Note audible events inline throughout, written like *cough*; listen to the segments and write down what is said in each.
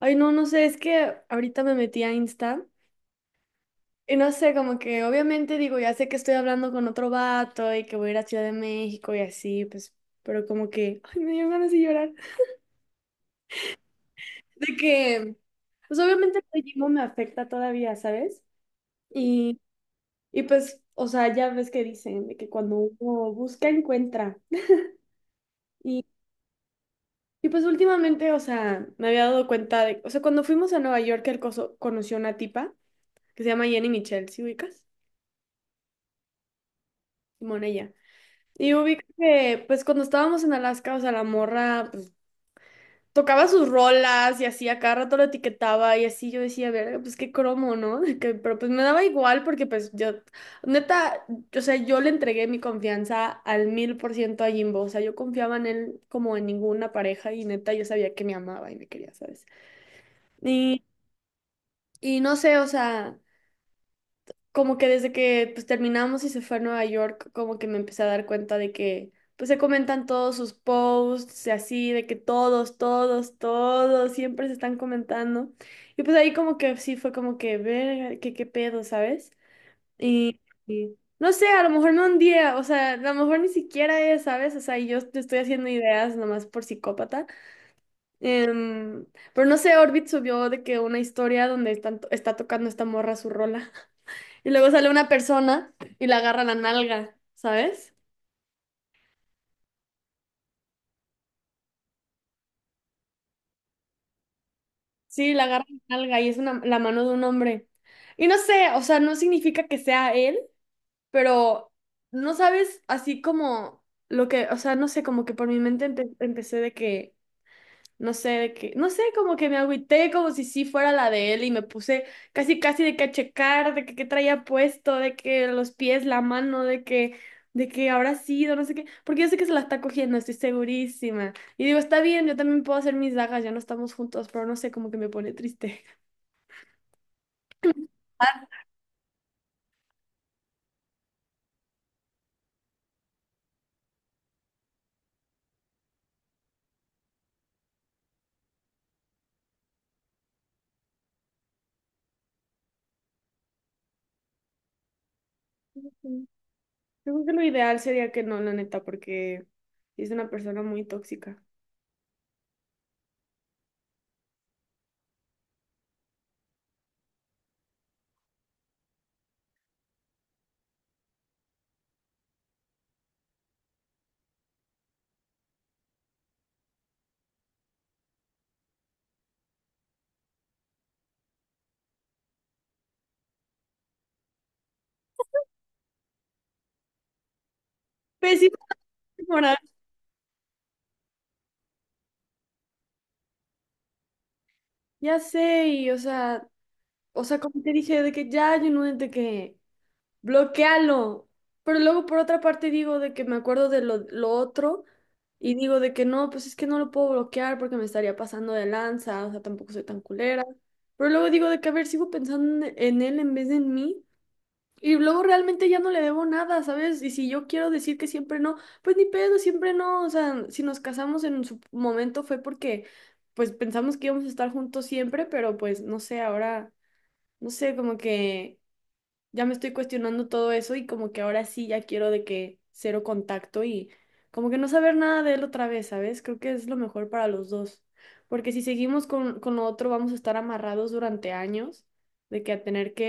Ay, no, no sé, es que ahorita me metí a Insta y no sé, como que obviamente digo, ya sé que estoy hablando con otro vato y que voy a ir a Ciudad de México y así, pues, pero como que, ay, me dio ganas de llorar. De que, pues obviamente el ritmo me afecta todavía, ¿sabes? Y, y pues, o sea, ya ves que dicen de que cuando uno busca, encuentra. Y, y pues últimamente, o sea, me había dado cuenta de, o sea, cuando fuimos a Nueva York, él conoció una tipa que se llama Jenny Michelle, ¿sí ubicas? Simón, ella. Y ubico que, pues cuando estábamos en Alaska, o sea, la morra, pues tocaba sus rolas y así, a cada rato lo etiquetaba y así yo decía, verga, pues qué cromo, ¿no? *laughs* Pero pues me daba igual porque pues yo, neta, o sea, yo le entregué mi confianza al 1000% a Jimbo, o sea, yo confiaba en él como en ninguna pareja y neta, yo sabía que me amaba y me quería, ¿sabes? Y, y no sé, o sea, como que desde que pues terminamos y se fue a Nueva York, como que me empecé a dar cuenta de que pues se comentan todos sus posts y así, de que todos, todos, todos siempre se están comentando. Y pues ahí como que sí fue como que ver qué pedo, ¿sabes? Y, y no sé, a lo mejor no un día, o sea, a lo mejor ni siquiera es, ¿sabes? O sea, y yo te estoy haciendo ideas nomás por psicópata. Em, pero no sé, Orbit subió de que una historia donde están, está tocando esta morra su rola. Y luego sale una persona y la agarra la nalga, ¿sabes? Sí, la agarra la nalga y es una, la mano de un hombre. Y no sé, o sea, no significa que sea él, pero no sabes así como lo que, o sea, no sé, como que por mi mente empecé de que no sé de qué, no sé, como que me agüité como si sí fuera la de él y me puse casi casi de que a checar, de que qué traía puesto, de que los pies, la mano, de que habrá sido, no sé qué, porque yo sé que se la está cogiendo, estoy segurísima. Y digo, está bien, yo también puedo hacer mis dagas, ya no estamos juntos, pero no sé, como que me pone triste. *laughs* Ah, sí. Yo creo que lo ideal sería que no, la neta, porque es una persona muy tóxica. Pésima temporada. Ya sé, y o sea, como te dije, de que ya, yo no, de que bloquealo. Pero luego por otra parte digo de que me acuerdo de lo otro y digo de que no, pues es que no lo puedo bloquear porque me estaría pasando de lanza, o sea, tampoco soy tan culera. Pero luego digo de que, a ver, sigo pensando en él en vez de en mí. Y luego realmente ya no le debo nada, ¿sabes? Y si yo quiero decir que siempre no, pues ni pedo, siempre no. O sea, si nos casamos en su momento fue porque, pues pensamos que íbamos a estar juntos siempre, pero pues no sé, ahora, no sé, como que ya me estoy cuestionando todo eso y como que ahora sí ya quiero de que cero contacto y como que no saber nada de él otra vez, ¿sabes? Creo que es lo mejor para los dos, porque si seguimos con lo otro vamos a estar amarrados durante años de que a tener que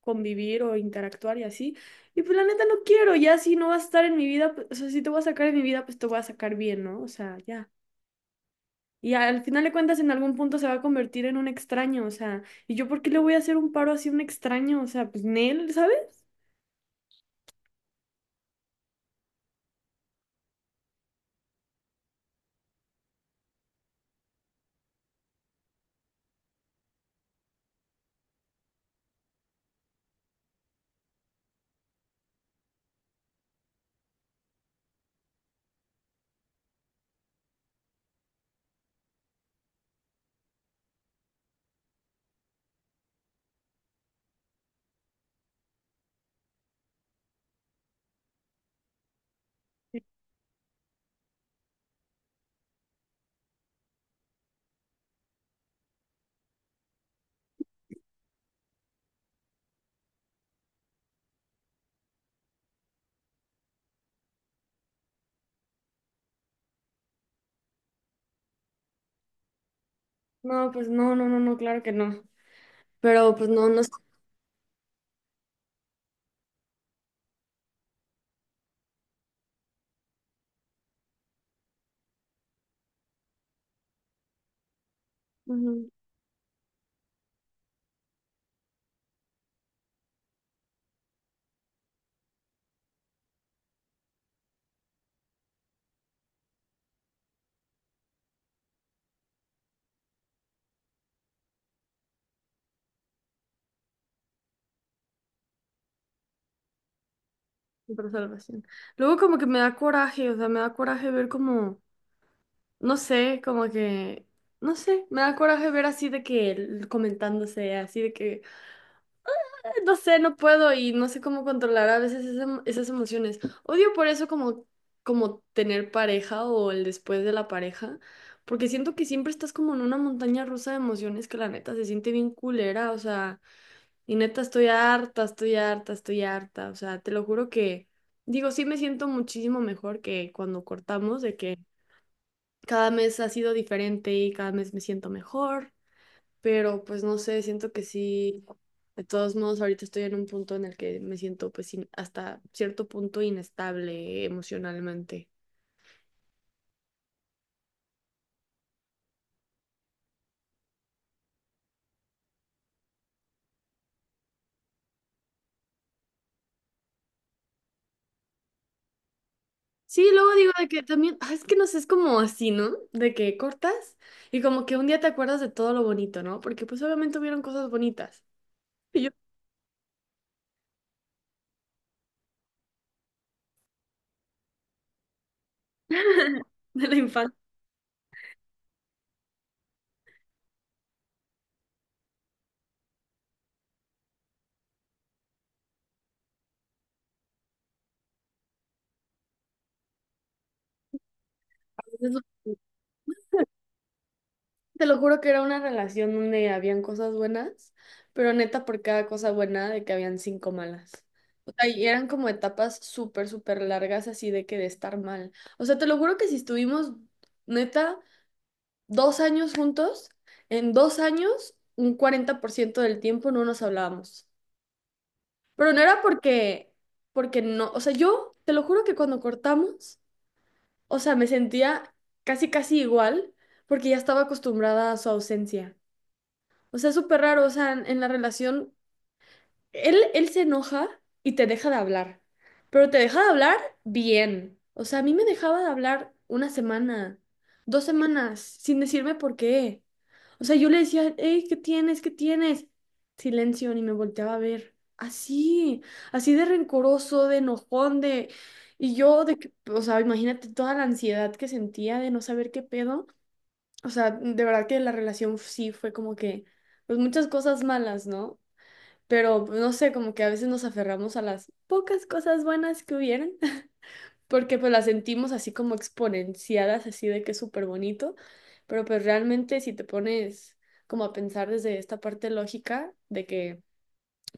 convivir o interactuar y así. Y pues la neta no quiero, ya si no vas a estar en mi vida, pues, o sea, si te voy a sacar en mi vida, pues te voy a sacar bien, ¿no? O sea, ya. Y al final de cuentas en algún punto se va a convertir en un extraño, o sea, ¿y yo por qué le voy a hacer un paro así a un extraño? O sea, pues Nel, ¿sabes? No, pues no, no, no, no, claro que no. Pero pues no, no sé. Ujú, por salvación. Luego como que me da coraje, o sea, me da coraje ver como, no sé, como que, no sé, me da coraje ver así de que comentándose, así de que, "Ah, no sé, no puedo y no sé cómo controlar a veces esas emociones. Odio por eso como, tener pareja o el después de la pareja, porque siento que siempre estás como en una montaña rusa de emociones que la neta se siente bien culera, o sea. Y neta, estoy harta, estoy harta, estoy harta. O sea, te lo juro que, digo, sí me siento muchísimo mejor que cuando cortamos, de que cada mes ha sido diferente y cada mes me siento mejor, pero pues no sé, siento que sí. De todos modos, ahorita estoy en un punto en el que me siento pues hasta cierto punto inestable emocionalmente. Sí, luego digo de que también, ah, es que no sé, es como así, ¿no? De que cortas y como que un día te acuerdas de todo lo bonito, ¿no? Porque pues obviamente hubieron cosas bonitas. *laughs* De la infancia. Eso- es- Te lo juro que era una relación donde habían cosas buenas, pero neta por cada cosa buena de que habían cinco malas. O sea, y eran como etapas súper, súper largas así de que de estar mal. O sea, te lo juro que si estuvimos neta 2 años juntos, en 2 años un 40% del tiempo no nos hablábamos. Pero no era porque no, o sea, yo te lo juro que cuando cortamos. O sea, me sentía casi, casi igual porque ya estaba acostumbrada a su ausencia. O sea, es súper raro, o sea, en la relación, él se enoja y te deja de hablar, pero te deja de hablar bien. O sea, a mí me dejaba de hablar una semana, 2 semanas, sin decirme por qué. O sea, yo le decía, hey, ¿qué tienes? ¿Qué tienes? Silencio, ni me volteaba a ver. Así, así de rencoroso, de enojón. De... Y yo, de que, o sea, imagínate toda la ansiedad que sentía de no saber qué pedo. O sea, de verdad que la relación sí fue como que, pues muchas cosas malas, ¿no? Pero pues, no sé, como que a veces nos aferramos a las pocas cosas buenas que hubieran porque pues las sentimos así como exponenciadas, así de que es súper bonito, pero pues realmente si te pones como a pensar desde esta parte lógica de que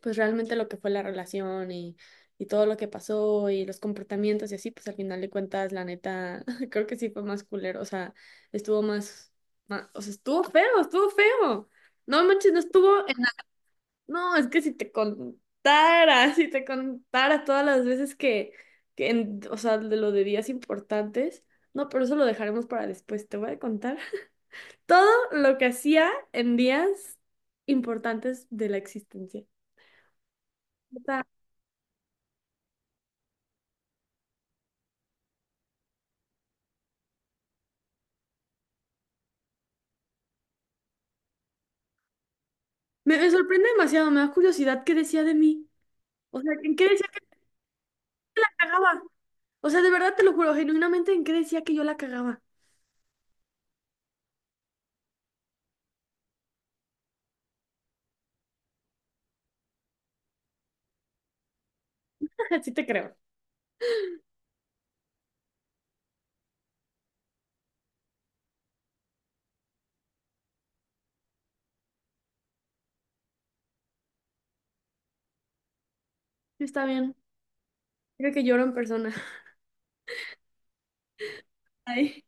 pues realmente lo que fue la relación y todo lo que pasó y los comportamientos y así, pues al final de cuentas, la neta, *laughs* creo que sí fue más culero, o sea, estuvo más, o sea, estuvo feo, estuvo feo. No manches, no estuvo no, es que si te contara, si te contara todas las veces que o sea, de lo de días importantes, no, pero eso lo dejaremos para después. Te voy a contar *laughs* todo lo que hacía en días importantes de la existencia. O sea, me sorprende demasiado, me da curiosidad qué decía de mí. O sea, ¿en qué decía que la cagaba? O sea, de verdad te lo juro, genuinamente, ¿en qué decía que yo la cagaba? *laughs* Sí te creo. Sí, está bien. Creo que lloro en persona. *laughs* Ay.